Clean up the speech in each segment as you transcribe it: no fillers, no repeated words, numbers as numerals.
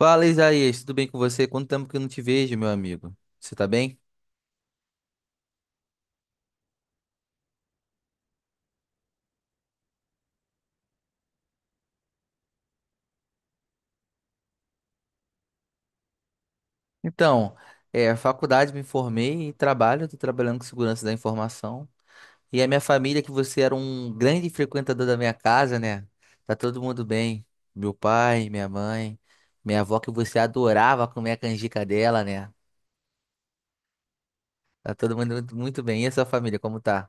Fala, Isaías, tudo bem com você? Quanto tempo que eu não te vejo, meu amigo? Você tá bem? Então, faculdade, me formei e trabalho, estou trabalhando com segurança da informação. E a minha família, que você era um grande frequentador da minha casa, né? Tá todo mundo bem. Meu pai, minha mãe, minha avó, que você adorava comer a canjica dela, né? Tá todo mundo muito muito bem. E a sua família, como tá?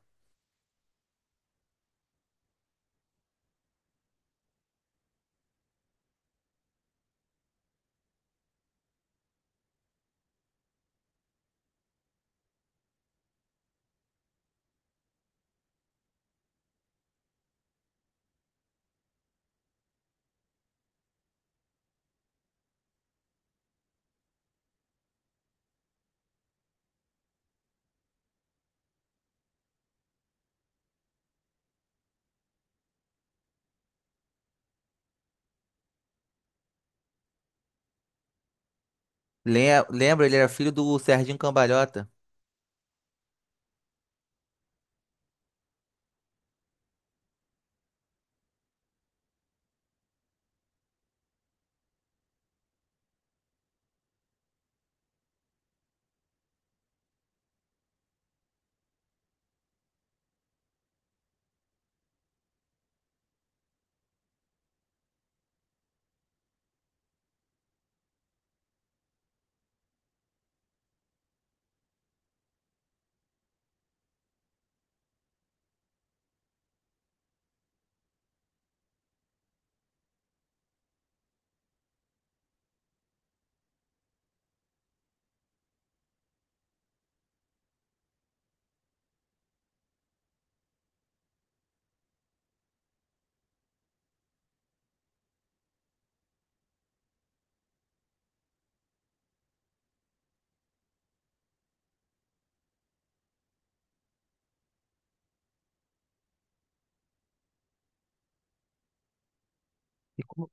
Lembra, ele era filho do Serginho Cambalhota. E como-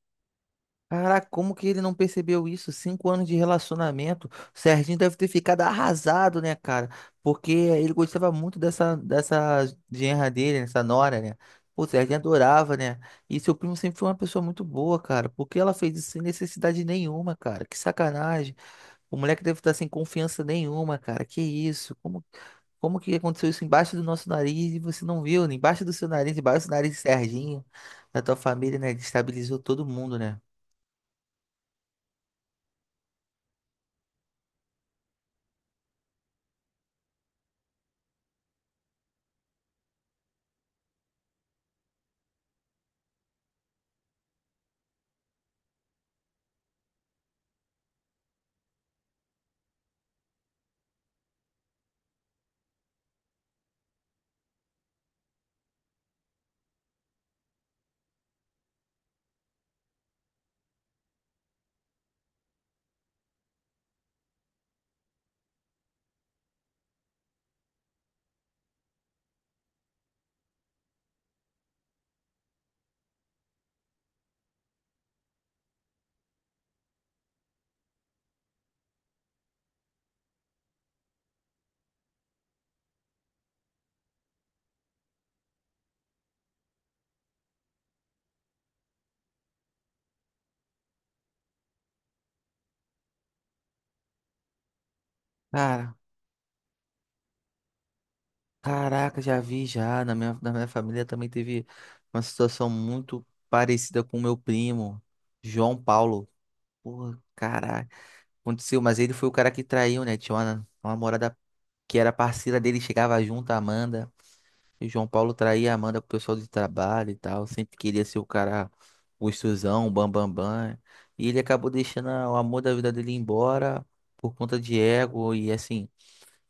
Caraca, como que ele não percebeu isso? Cinco anos de relacionamento. O Serginho deve ter ficado arrasado, né, cara? Porque ele gostava muito dessa genra dele, né, dessa nora, né? Pô, o Serginho adorava, né? E seu primo sempre foi uma pessoa muito boa, cara. Por que ela fez isso sem necessidade nenhuma, cara? Que sacanagem. O moleque deve estar sem confiança nenhuma, cara. Que isso? Como que aconteceu isso embaixo do nosso nariz e você não viu, né? Embaixo do seu nariz, embaixo do nariz do Serginho, da tua família, né? Destabilizou todo mundo, né? Cara. Caraca, já vi já. Na minha família também teve uma situação muito parecida com o meu primo, João Paulo. Porra, caraca. Aconteceu, mas ele foi o cara que traiu, né? Tinha uma namorada que era parceira dele, chegava junto, a Amanda. E o João Paulo traía a Amanda com o pessoal de trabalho e tal. Sempre queria ser o cara gostosão, o bam, bam, bam. E ele acabou deixando o amor da vida dele embora por conta de ego e assim.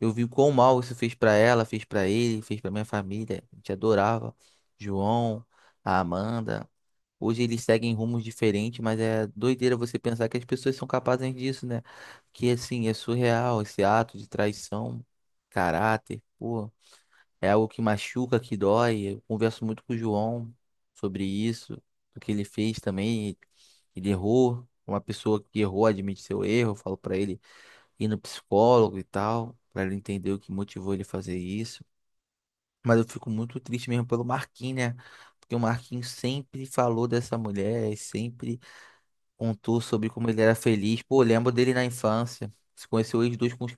Eu vi o quão mal isso fez pra ela, fez pra ele, fez pra minha família. A gente adorava João, a Amanda. Hoje eles seguem rumos diferentes, mas é doideira você pensar que as pessoas são capazes disso, né? Que assim, é surreal esse ato de traição, caráter, pô. É algo que machuca, que dói. Eu converso muito com o João sobre isso, do que ele fez também. Ele errou. Uma pessoa que errou admite seu erro. Eu falo pra ele ir no psicólogo e tal, para ele entender o que motivou ele a fazer isso. Mas eu fico muito triste mesmo pelo Marquinhos, né? Porque o Marquinhos sempre falou dessa mulher, e sempre contou sobre como ele era feliz. Pô, eu lembro dele na infância. Se conheceu eles dois com os.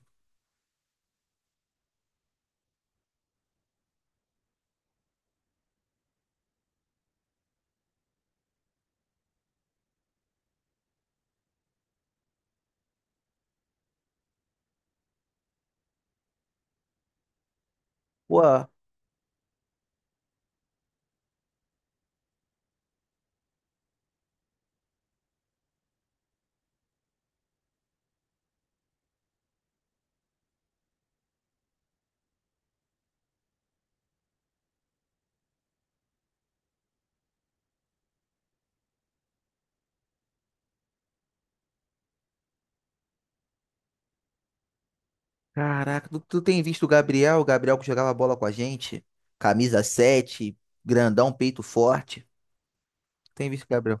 Pô, caraca, tu tem visto o Gabriel que jogava bola com a gente? Camisa 7 grandão, peito forte. Tem visto o Gabriel?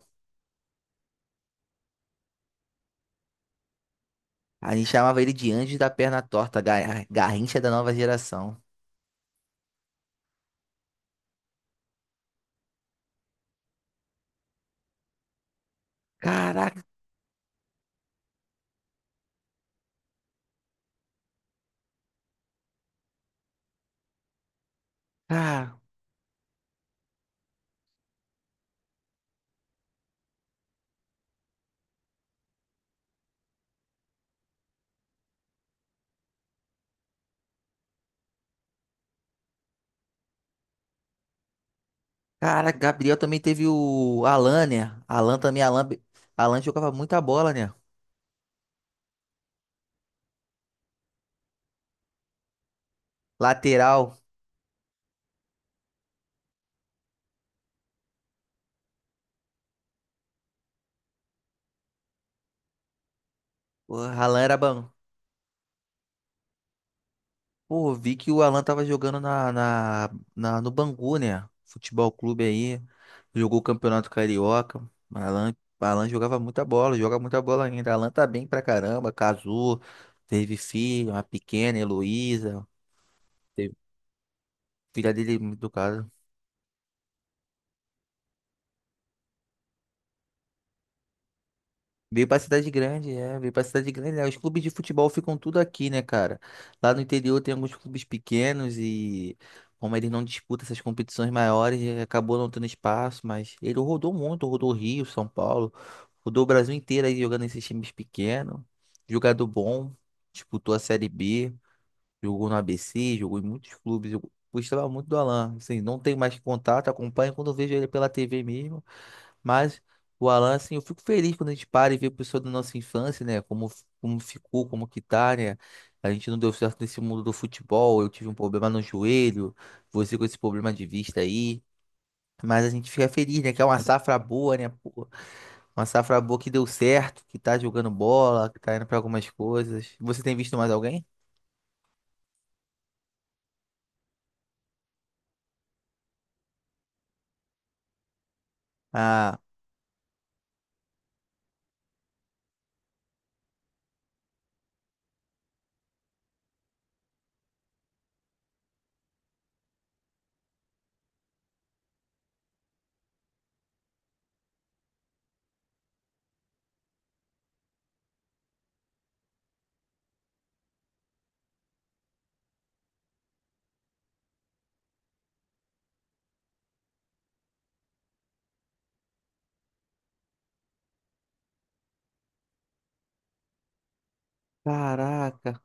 A gente chamava ele de Anjo da Perna Torta, Garrincha da nova geração. Caraca. Cara, Gabriel também teve o Alan, né? Alan também, Alan, Alan jogava muita bola, né? Lateral. O Alan era bom. Pô, vi que o Alan tava jogando no Bangu, né? Futebol clube aí. Jogou o Campeonato Carioca. Alan, Alan jogava muita bola, joga muita bola ainda. Alan tá bem pra caramba, casou, teve filho, uma pequena, Heloísa. Teve filha dele, do caso. Veio pra cidade grande, é, veio pra cidade grande, né? Os clubes de futebol ficam tudo aqui, né, cara? Lá no interior tem alguns clubes pequenos e como ele não disputa essas competições maiores, acabou não tendo espaço, mas ele rodou muito, rodou Rio, São Paulo, rodou o Brasil inteiro aí jogando nesses times pequenos, jogador bom, disputou a Série B, jogou no ABC, jogou em muitos clubes. Eu gostava muito do Alan, assim, não tenho mais contato, acompanho quando eu vejo ele pela TV mesmo. Mas o Alan, assim, eu fico feliz quando a gente para e vê a pessoa da nossa infância, né? Como ficou, como que tá, né? A gente não deu certo nesse mundo do futebol, eu tive um problema no joelho, você com esse problema de vista aí. Mas a gente fica feliz, né? Que é uma safra boa, né, pô? Uma safra boa que deu certo, que tá jogando bola, que tá indo pra algumas coisas. Você tem visto mais alguém? Ah, caraca,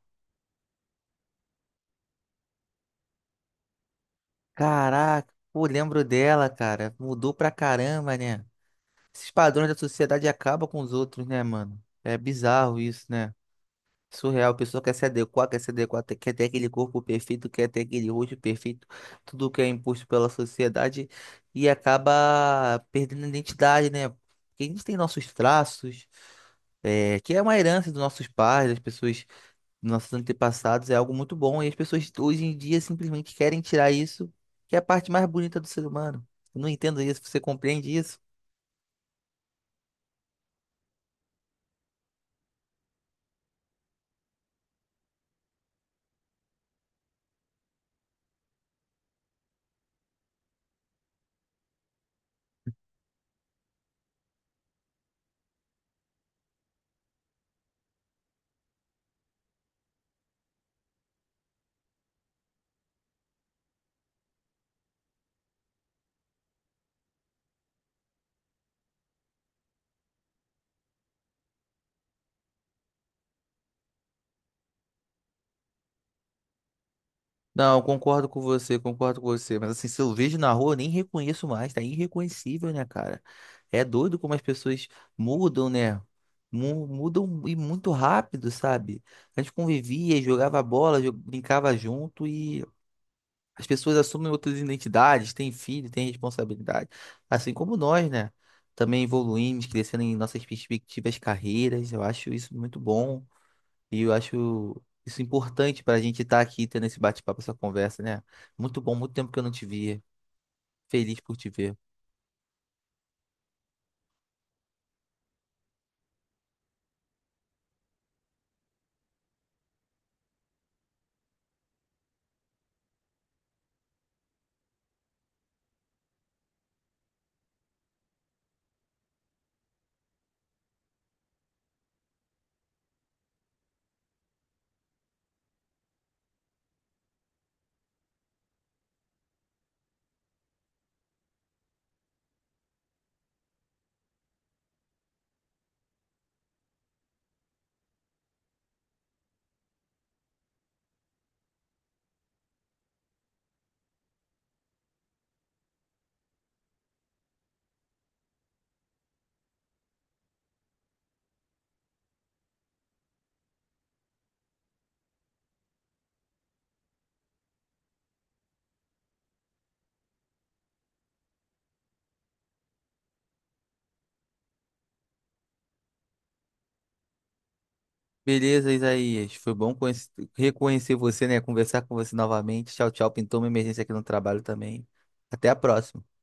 caraca. Pô, lembro dela, cara. Mudou pra caramba, né? Esses padrões da sociedade acabam com os outros, né, mano? É bizarro isso, né? Surreal, a pessoa quer se adequar, quer se adequar, quer ter aquele corpo perfeito, quer ter aquele rosto perfeito, tudo que é imposto pela sociedade e acaba perdendo a identidade, né? Porque a gente tem nossos traços, que é uma herança dos nossos pais, das pessoas, dos nossos antepassados, é algo muito bom e as pessoas hoje em dia simplesmente querem tirar isso, que é a parte mais bonita do ser humano. Eu não entendo isso, você compreende isso? Não, concordo com você, concordo com você. Mas assim, se eu vejo na rua, eu nem reconheço mais. Tá irreconhecível, né, cara? É doido como as pessoas mudam, né? Mudam e muito rápido, sabe? A gente convivia, jogava bola, brincava junto e as pessoas assumem outras identidades, têm filho, têm responsabilidade. Assim como nós, né? Também evoluímos, crescendo em nossas perspectivas, carreiras. Eu acho isso muito bom. E eu acho isso importante para a gente estar aqui tendo esse bate-papo, essa conversa, né? Muito bom, muito tempo que eu não te via. Feliz por te ver. Beleza, Isaías. Foi bom reconhecer você, né? Conversar com você novamente. Tchau, tchau. Pintou uma emergência aqui no trabalho também. Até a próxima.